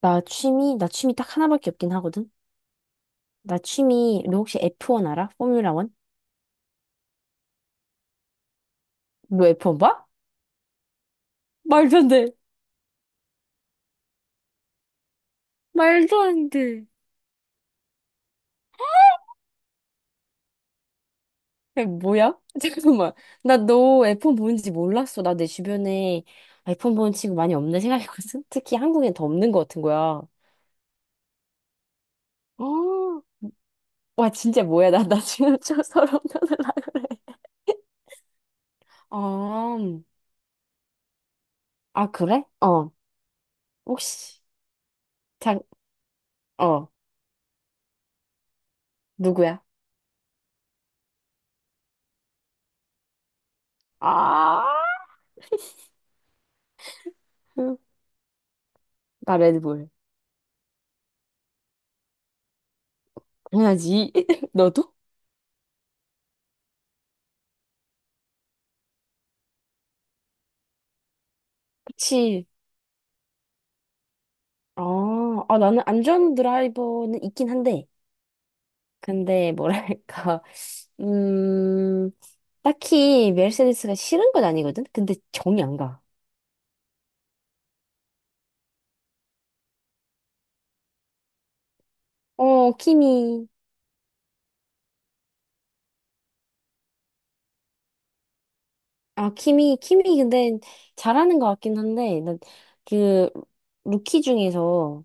나 취미 딱 하나밖에 없긴 하거든? 너 혹시 F1 알아? 포뮬라 1? 너 F1 봐? 말도 안 돼. 말도 안 돼. 야, 뭐야? 잠깐만. 나 너 F1 보는지 몰랐어. 나 내 주변에 F1 보는 친구 많이 없네 생각했거든? 특히 한국엔 더 없는 것 같은 거야. 어. 와, 진짜 뭐야. 나 지금 좀 서러운 려을그래. 아, 아, 그래? 어. 혹시, 장, 어. 누구야? 아, 응. 나 레드불. 당연하지. 너도? 그치. 아, 아, 나는 안전 드라이버는 있긴 한데, 근데 뭐랄까, 음, 딱히 메르세데스가 싫은 건 아니거든? 근데 정이 안 가. 어, 키미. 아, 키미 근데 잘하는 것 같긴 한데, 난 그, 루키 중에서,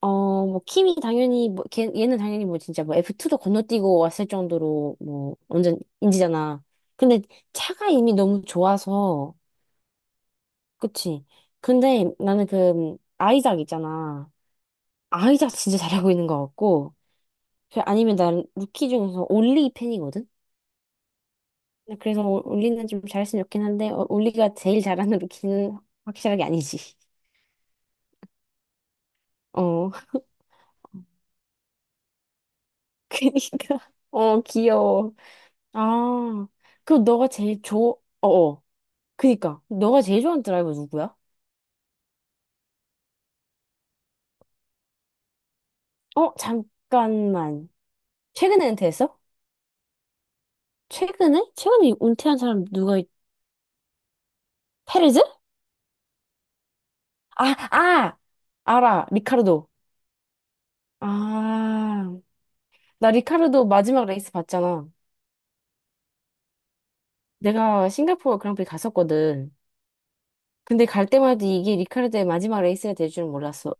어, 뭐, 키미 당연히, 뭐, 얘는 당연히 뭐, 진짜 뭐, F2도 건너뛰고 왔을 정도로, 뭐, 완전 인지잖아. 근데 차가 이미 너무 좋아서, 그치. 근데 나는 그 아이작 있잖아. 아이작 진짜 잘하고 있는 것 같고. 그 아니면 난 루키 중에서 올리 팬이거든. 근데 그래서 올리는 좀 잘했으면 좋긴 한데 올리가 제일 잘하는 루키는 확실하게 아니지. 어. 그니까. 어 귀여워. 아. 그럼 너가 제일 좋아. 어어. 그니까. 너가 제일 좋아하는 드라이버 누구야? 어 잠깐만. 최근에 은퇴했어? 최근에? 최근에 은퇴한 사람 누가 있... 페레즈? 아, 아! 알아. 리카르도. 아, 나 리카르도 마지막 레이스 봤잖아. 내가 싱가포르 그랑프리 갔었거든. 근데 갈 때마다 이게 리카르도의 마지막 레이스가 될 줄은 몰랐어.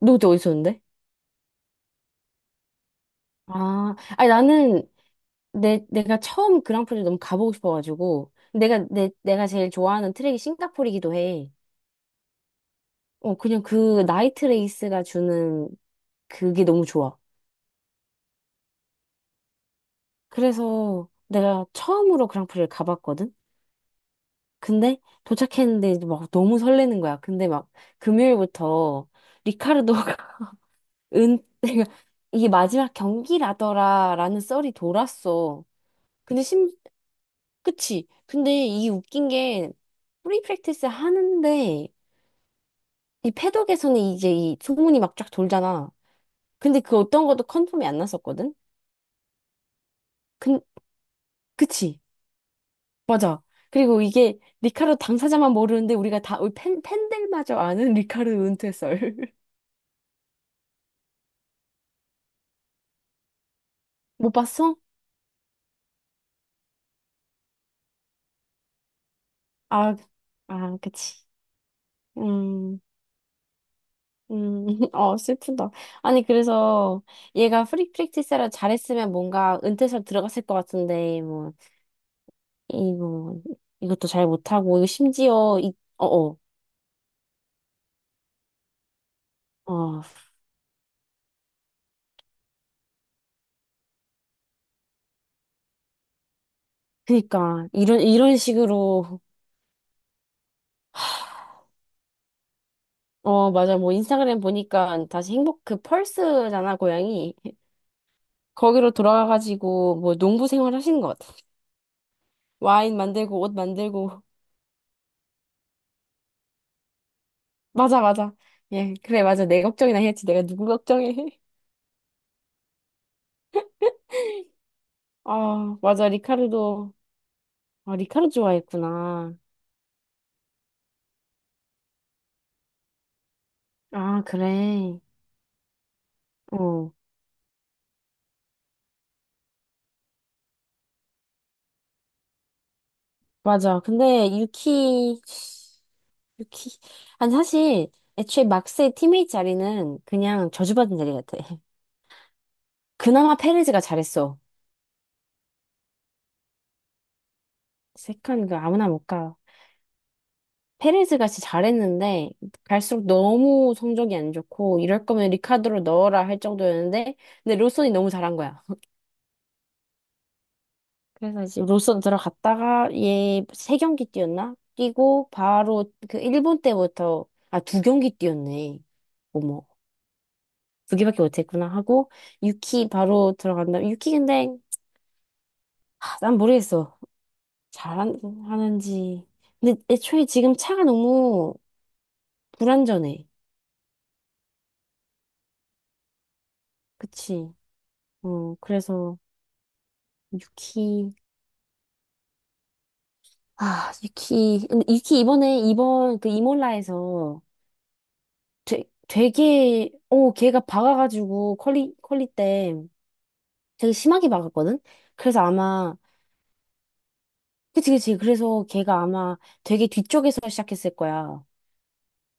너 그때 어디 있었는데? 아, 아니 나는 내 내가 처음 그랑프리를 너무 가보고 싶어가지고 내가 제일 좋아하는 트랙이 싱가포르이기도 해. 어, 그냥 그 나이트 레이스가 주는 그게 너무 좋아. 그래서 내가 처음으로 그랑프리를 가봤거든. 근데 도착했는데 이제 막 너무 설레는 거야. 근데 막 금요일부터 리카르도가 은 내가 이게 마지막 경기라더라라는 썰이 돌았어. 근데 심 그치? 근데 이 웃긴 게 프리 프랙티스 하는데 이 패독에서는 이제 이 소문이 막 쫙 돌잖아. 근데 그 어떤 것도 컨펌이 안 났었거든. 근 그치? 맞아. 그리고 이게 리카르도 당사자만 모르는데 우리가 다 우리 팬 팬들마저 아는 리카르도 은퇴 썰. 못 봤어? 아, 아, 그치. 음, 음, 어, 슬프다. 아니, 그래서 얘가 프리 프랙티스를 잘했으면 뭔가 은퇴설 들어갔을 것 같은데, 뭐, 뭐, 이것도 잘 못하고, 이거 심지어, 이, 어, 어, 어, 그니까, 이런 식으로, 어, 맞아. 뭐, 인스타그램 보니까 다시 행복, 그 펄스잖아, 고양이. 거기로 돌아가가지고, 뭐, 농부 생활 하시는 것 같아. 와인 만들고, 옷 만들고, 맞아, 맞아. 예, 그래, 맞아. 내 걱정이나 해야지. 내가 누구 걱정해? 아, 맞아. 리카르도, 아, 리카르 좋아했구나. 아, 그래. 어, 맞아. 근데 유키, 유키. 아니, 사실, 애초에 막스의 팀메이트 자리는 그냥 저주받은 자리 같아. 그나마 페레즈가 잘했어. 세컨, 그, 아무나 못 가. 페레즈가 진짜 잘했는데, 갈수록 너무 성적이 안 좋고, 이럴 거면 리카르도 넣어라 할 정도였는데, 근데 로손이 너무 잘한 거야. 그래서 이제 롤선 들어갔다가 얘 세 경기 뛰었나? 뛰고 바로 그 일본 때부터 아 두 경기 뛰었네. 어머 두 개밖에 못했구나 하고 유키 바로 들어간다. 유키 근데 난 모르겠어 잘하는지. 근데 애초에 지금 차가 너무 불안전해. 그치? 어 그래서 유키 유키 근데 유키 이번에 이번 그 이몰라에서 되게, 걔가 박아가지고, 컬리 때 되게 심하게 박았거든? 그래서 아마, 그치, 그치. 그래서 걔가 아마 되게 뒤쪽에서 시작했을 거야.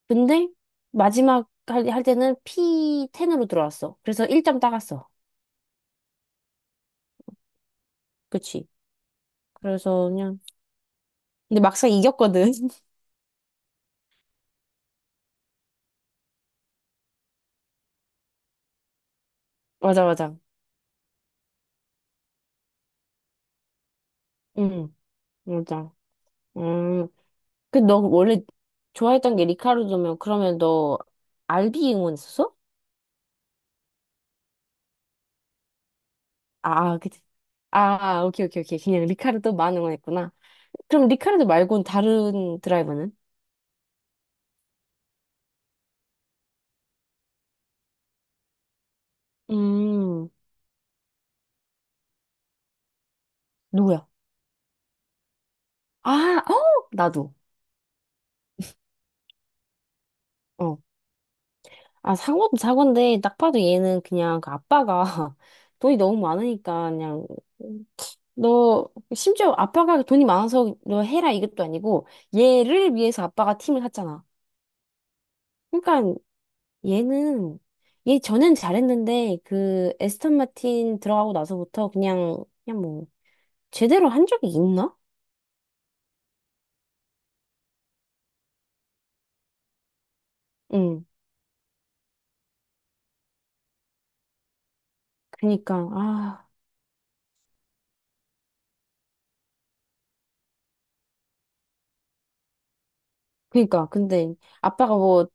근데 마지막 할 때는 P10으로 들어왔어. 그래서 1점 따갔어. 그치. 그래서 그냥, 근데 막상 이겼거든. 맞아, 맞아. 응, 맞아. 음. 그, 너 원래 좋아했던 게 리카르도면, 그러면 너 알비 응원했었어? 아, 그치. 아, 오케이, 오케이, 오케이. 그냥 리카르도 만 응원했구나. 그럼 리카르도 말고는 다른 드라이버는? 음, 누구야? 아, 어? 나도. 어. 아, 사고도 사고인데, 딱 봐도 얘는 그냥 그 아빠가 돈이 너무 많으니까, 그냥, 너, 심지어 아빠가 돈이 많아서 너 해라 이것도 아니고, 얘를 위해서 아빠가 팀을 샀잖아. 그러니까 얘는, 얘 전엔 잘했는데, 그 에스턴 마틴 들어가고 나서부터 그냥, 뭐, 제대로 한 적이 있나? 응. 그니까, 아, 그니까. 근데 아빠가 뭐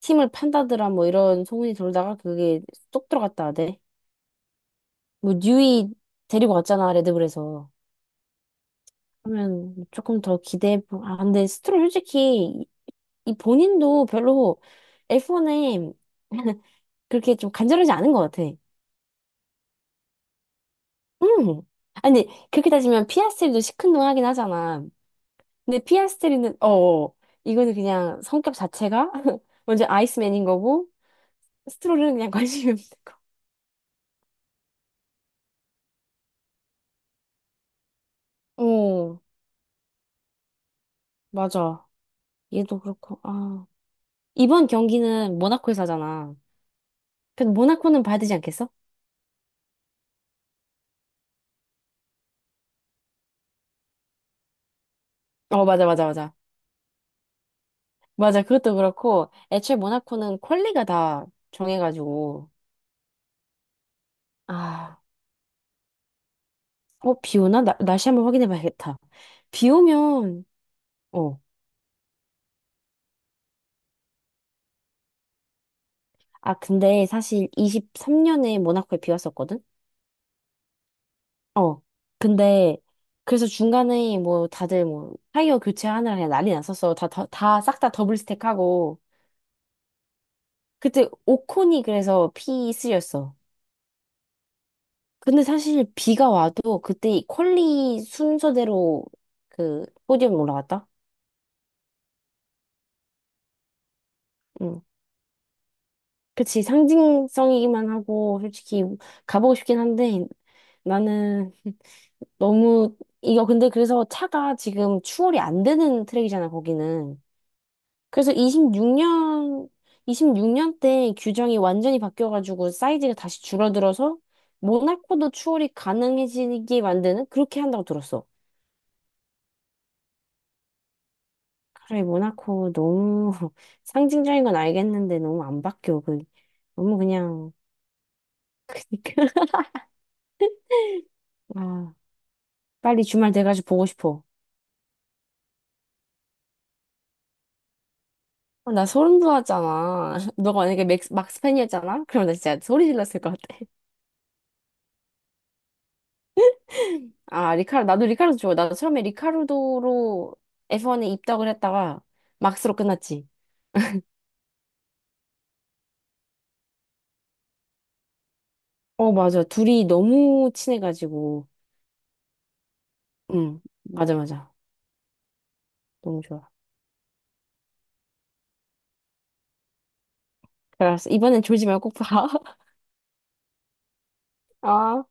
팀을 판다더라 뭐 이런 소문이 돌다가 그게 쏙 들어갔다 하대. 뭐 뉴이 데리고 왔잖아, 레드불에서. 그러면 조금 더 기대해. 아, 근데 스트롤 솔직히 이, 이 본인도 별로 F1에 그렇게 좀 간절하지 않은 것 같아. 응. 아니, 그렇게 따지면 피아스트리도 시큰둥하긴 하잖아. 근데 피아스트리는 이거는 그냥 성격 자체가 먼저 아이스맨인 거고 스트롤은 그냥 관심이 없는 거. 어 맞아. 얘도 그렇고 이번 경기는 모나코에서 하잖아. 근데 모나코는 봐야 되지 않겠어? 어 맞아 맞아 맞아 맞아 그것도 그렇고 애초에 모나코는 퀄리가 다 정해가지고 아어비 오나 날씨 한번 확인해 봐야겠다. 비 오면 어 근데 사실 23년에 모나코에 비 왔었거든. 어. 근데 그래서 중간에 뭐 다들 뭐 타이어 교체하느라 그냥 난리 났었어. 다 싹 다 더블 스택하고 그때 오콘이 그래서 피쓰였어. 근데 사실 비가 와도 그때 이 퀄리 순서대로 그 포디움 올라갔다. 응. 그치 상징성이기만 하고 솔직히 가보고 싶긴 한데 나는 너무 이거 근데 그래서 차가 지금 추월이 안 되는 트랙이잖아 거기는. 그래서 26년, 26년 때 규정이 완전히 바뀌어가지고 사이즈가 다시 줄어들어서 모나코도 추월이 가능해지게 만드는 그렇게 한다고 들었어. 그래, 모나코 너무 상징적인 건 알겠는데 너무 안 바뀌어. 너무 그냥, 그니까. 아, 빨리 주말 돼가지고 보고 싶어. 어, 나 소름 돋았잖아. 너가 만약에 막스팬이었잖아? 그럼 나 진짜 소리 질렀을 것 같아. 아, 나도 리카르도 좋아. 나도 처음에 리카르도로 F1에 입덕을 했다가 막스로 끝났지. 어, 맞아. 둘이 너무 친해가지고. 응, 맞아, 맞아. 너무 좋아. 그래서 이번엔 졸지 말고 꼭 봐. 아.